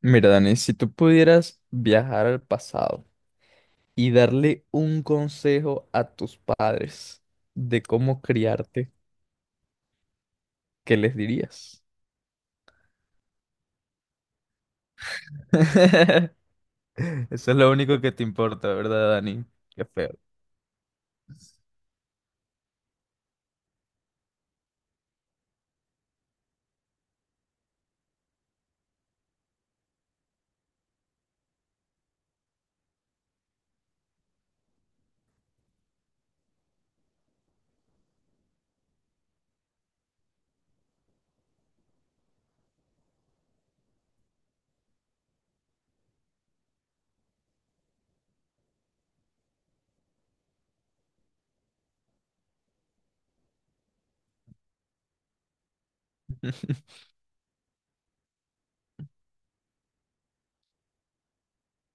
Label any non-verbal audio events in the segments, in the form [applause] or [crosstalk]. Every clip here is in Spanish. Mira, Dani, si tú pudieras viajar al pasado y darle un consejo a tus padres de cómo criarte, ¿qué les dirías? [laughs] Eso es lo único que te importa, ¿verdad, Dani? Qué feo.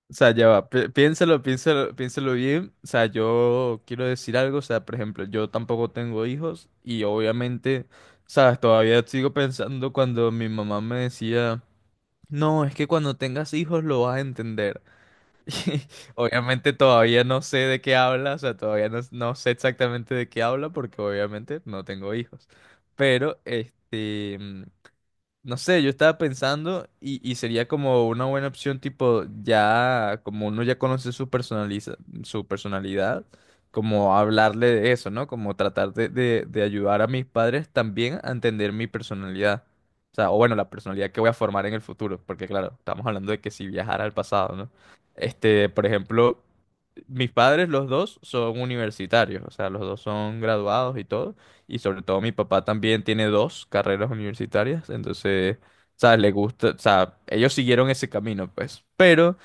O sea, ya va, piénsalo, piénsalo bien. O sea, yo quiero decir algo, o sea, por ejemplo, yo tampoco tengo hijos y obviamente, sabes, todavía sigo pensando cuando mi mamá me decía, no, es que cuando tengas hijos lo vas a entender. [laughs] Obviamente todavía no sé de qué habla, o sea, todavía no sé exactamente de qué habla porque obviamente no tengo hijos. Pero, este, no sé, yo estaba pensando y sería como una buena opción tipo ya, como uno ya conoce su personaliza, su personalidad, como hablarle de eso, ¿no? Como tratar de ayudar a mis padres también a entender mi personalidad. O sea, o bueno, la personalidad que voy a formar en el futuro, porque claro, estamos hablando de que si viajara al pasado, ¿no? Este, por ejemplo, mis padres, los dos, son universitarios, o sea, los dos son graduados y todo. Y sobre todo mi papá también tiene dos carreras universitarias, entonces, ¿sabes? Le gusta, o sea, ellos siguieron ese camino, pues. Pero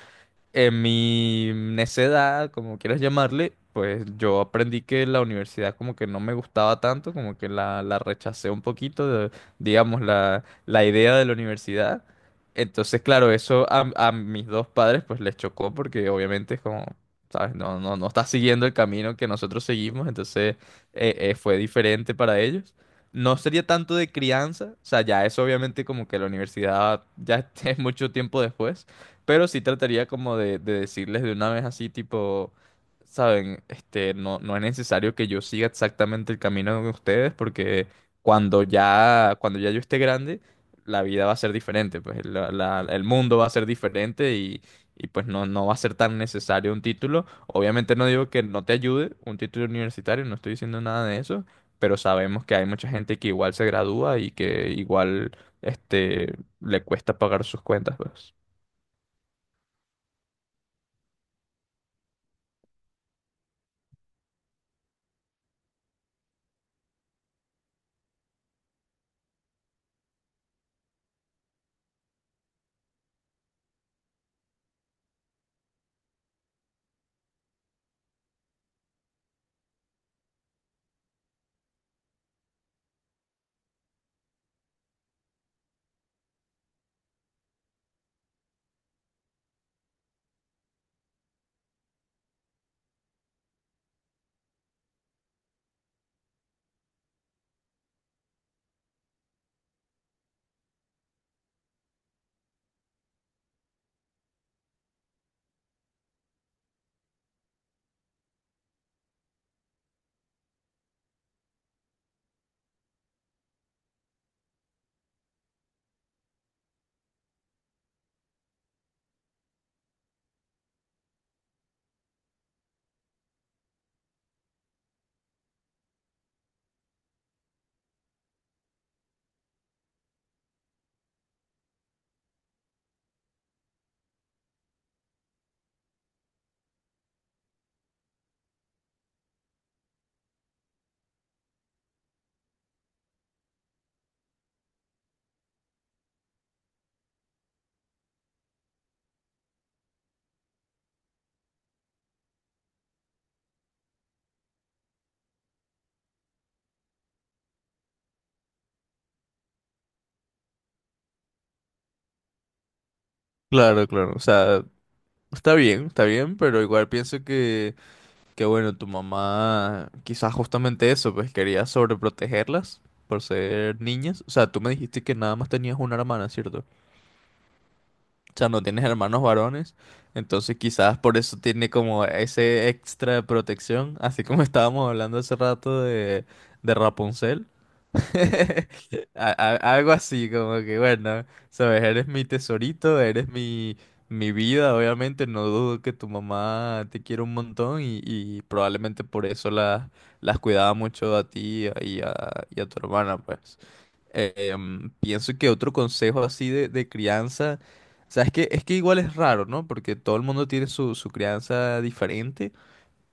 en mi necedad, como quieras llamarle, pues yo aprendí que la universidad como que no me gustaba tanto, como que la rechacé un poquito, digamos, la idea de la universidad. Entonces, claro, eso a mis dos padres pues les chocó porque obviamente es como, ¿sabes? No está siguiendo el camino que nosotros seguimos, entonces fue diferente para ellos. No sería tanto de crianza, o sea, ya eso obviamente como que la universidad ya [laughs] es mucho tiempo después pero sí trataría como de decirles de una vez así, tipo, saben, este, no es necesario que yo siga exactamente el camino de ustedes, porque cuando ya yo esté grande, la vida va a ser diferente, pues el mundo va a ser diferente y pues no va a ser tan necesario un título. Obviamente no digo que no te ayude un título universitario, no estoy diciendo nada de eso, pero sabemos que hay mucha gente que igual se gradúa y que igual, este, le cuesta pagar sus cuentas, pues. Claro, claro. O sea, está bien, pero igual pienso que bueno, tu mamá quizás justamente eso, pues quería sobreprotegerlas por ser niñas. O sea, tú me dijiste que nada más tenías una hermana, ¿cierto? O sea, no tienes hermanos varones, entonces quizás por eso tiene como ese extra de protección, así como [laughs] estábamos hablando hace rato de Rapunzel. [laughs] Algo así, como que bueno, sabes, eres mi tesorito, mi vida, obviamente, no dudo que tu mamá te quiere un montón y probablemente por eso las cuidaba mucho a ti y a tu hermana, pues. Pienso que otro consejo así de crianza, o sea, es que igual es raro, ¿no? Porque todo el mundo tiene su crianza diferente,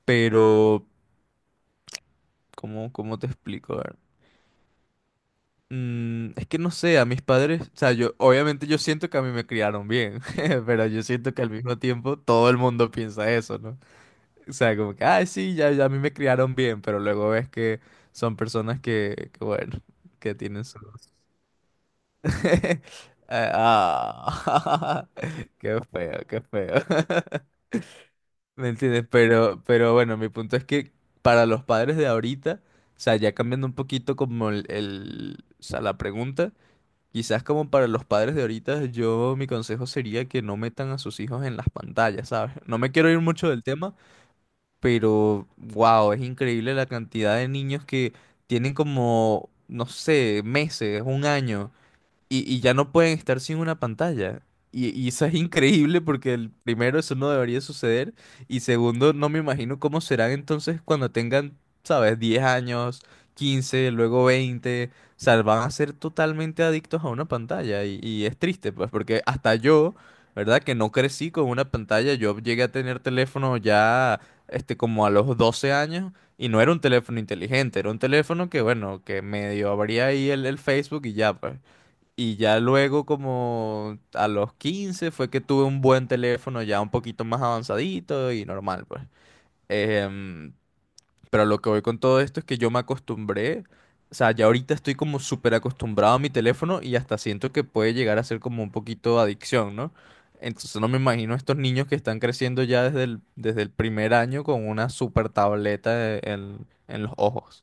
pero ¿cómo te explico? Es que no sé, a mis padres, o sea, yo siento que a mí me criaron bien, [laughs] pero yo siento que al mismo tiempo todo el mundo piensa eso, ¿no? O sea, como que, ay, sí, ya a mí me criaron bien, pero luego ves que son personas que bueno, que tienen su... [laughs] Ah, [laughs] qué feo, qué feo. [laughs] ¿Me entiendes? Pero bueno, mi punto es que para los padres de ahorita, o sea, ya cambiando un poquito como o sea, la pregunta. Quizás como para los padres de ahorita, yo mi consejo sería que no metan a sus hijos en las pantallas, ¿sabes? No me quiero ir mucho del tema, pero wow, es increíble la cantidad de niños que tienen como, no sé, meses, un año y ya no pueden estar sin una pantalla. Y eso es increíble porque el, primero eso no debería suceder y segundo no me imagino cómo serán entonces cuando tengan, sabes, 10 años, 15 luego 20 o sea, van a ser totalmente adictos a una pantalla y es triste pues porque hasta yo, ¿verdad? Que no crecí con una pantalla, yo llegué a tener teléfono ya este como a los 12 años. Y no era un teléfono inteligente, era un teléfono que, bueno, que medio abría ahí el Facebook y ya, pues. Y ya luego, como a los 15 fue que tuve un buen teléfono ya un poquito más avanzadito y normal, pues. Em, pero lo que voy con todo esto es que yo me acostumbré, o sea, ya ahorita estoy como súper acostumbrado a mi teléfono y hasta siento que puede llegar a ser como un poquito adicción, ¿no? Entonces no me imagino estos niños que están creciendo ya desde desde el primer año con una súper tableta en los ojos.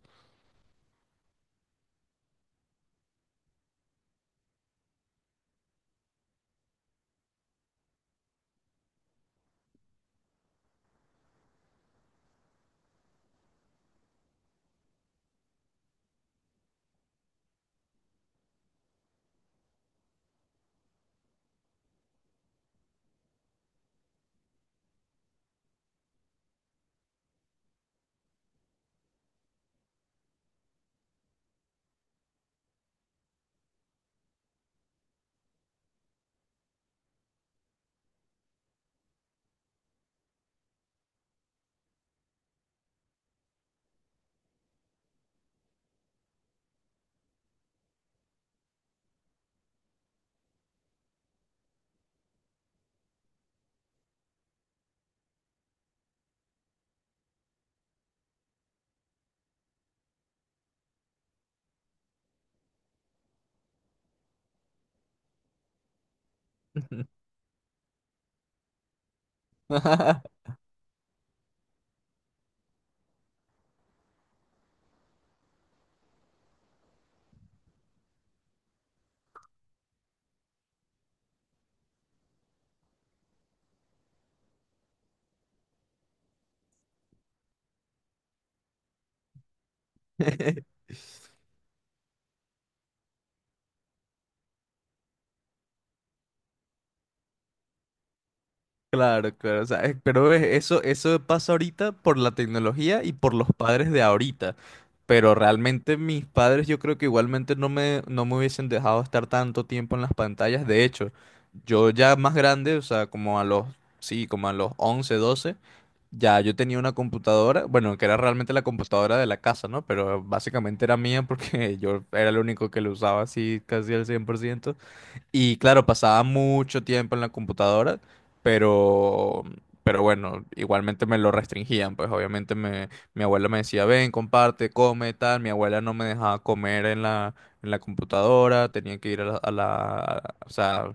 [laughs] Claro, claro, o sea, pero eso, eso pasa ahorita por la tecnología y por los padres de ahorita. Pero realmente mis padres yo creo que igualmente no me hubiesen dejado estar tanto tiempo en las pantallas. De hecho, yo ya más grande, o sea, sí, como a los 11, 12, ya yo tenía una computadora, bueno, que era realmente la computadora de la casa, ¿no? Pero básicamente era mía porque [laughs] yo era el único que lo usaba así casi al 100%. Y claro, pasaba mucho tiempo en la computadora, pero, pero bueno, igualmente me lo restringían, pues obviamente mi abuela me decía, ven, comparte, come, tal, mi abuela no me dejaba comer en en la computadora, tenía que ir a o sea,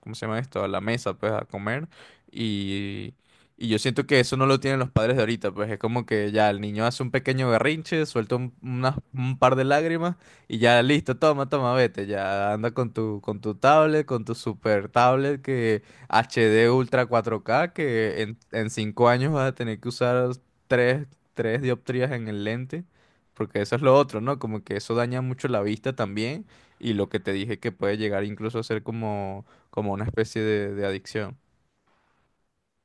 ¿cómo se llama esto? A la mesa, pues, a comer, y, y yo siento que eso no lo tienen los padres de ahorita, pues es como que ya el niño hace un pequeño berrinche, suelta un par de lágrimas, y ya listo, toma, toma, vete. Ya anda con tu tablet, con tu super tablet que HD Ultra 4K, que en cinco años vas a tener que usar tres, tres dioptrías en el lente. Porque eso es lo otro, ¿no? Como que eso daña mucho la vista también. Y lo que te dije que puede llegar incluso a ser como, como una especie de adicción.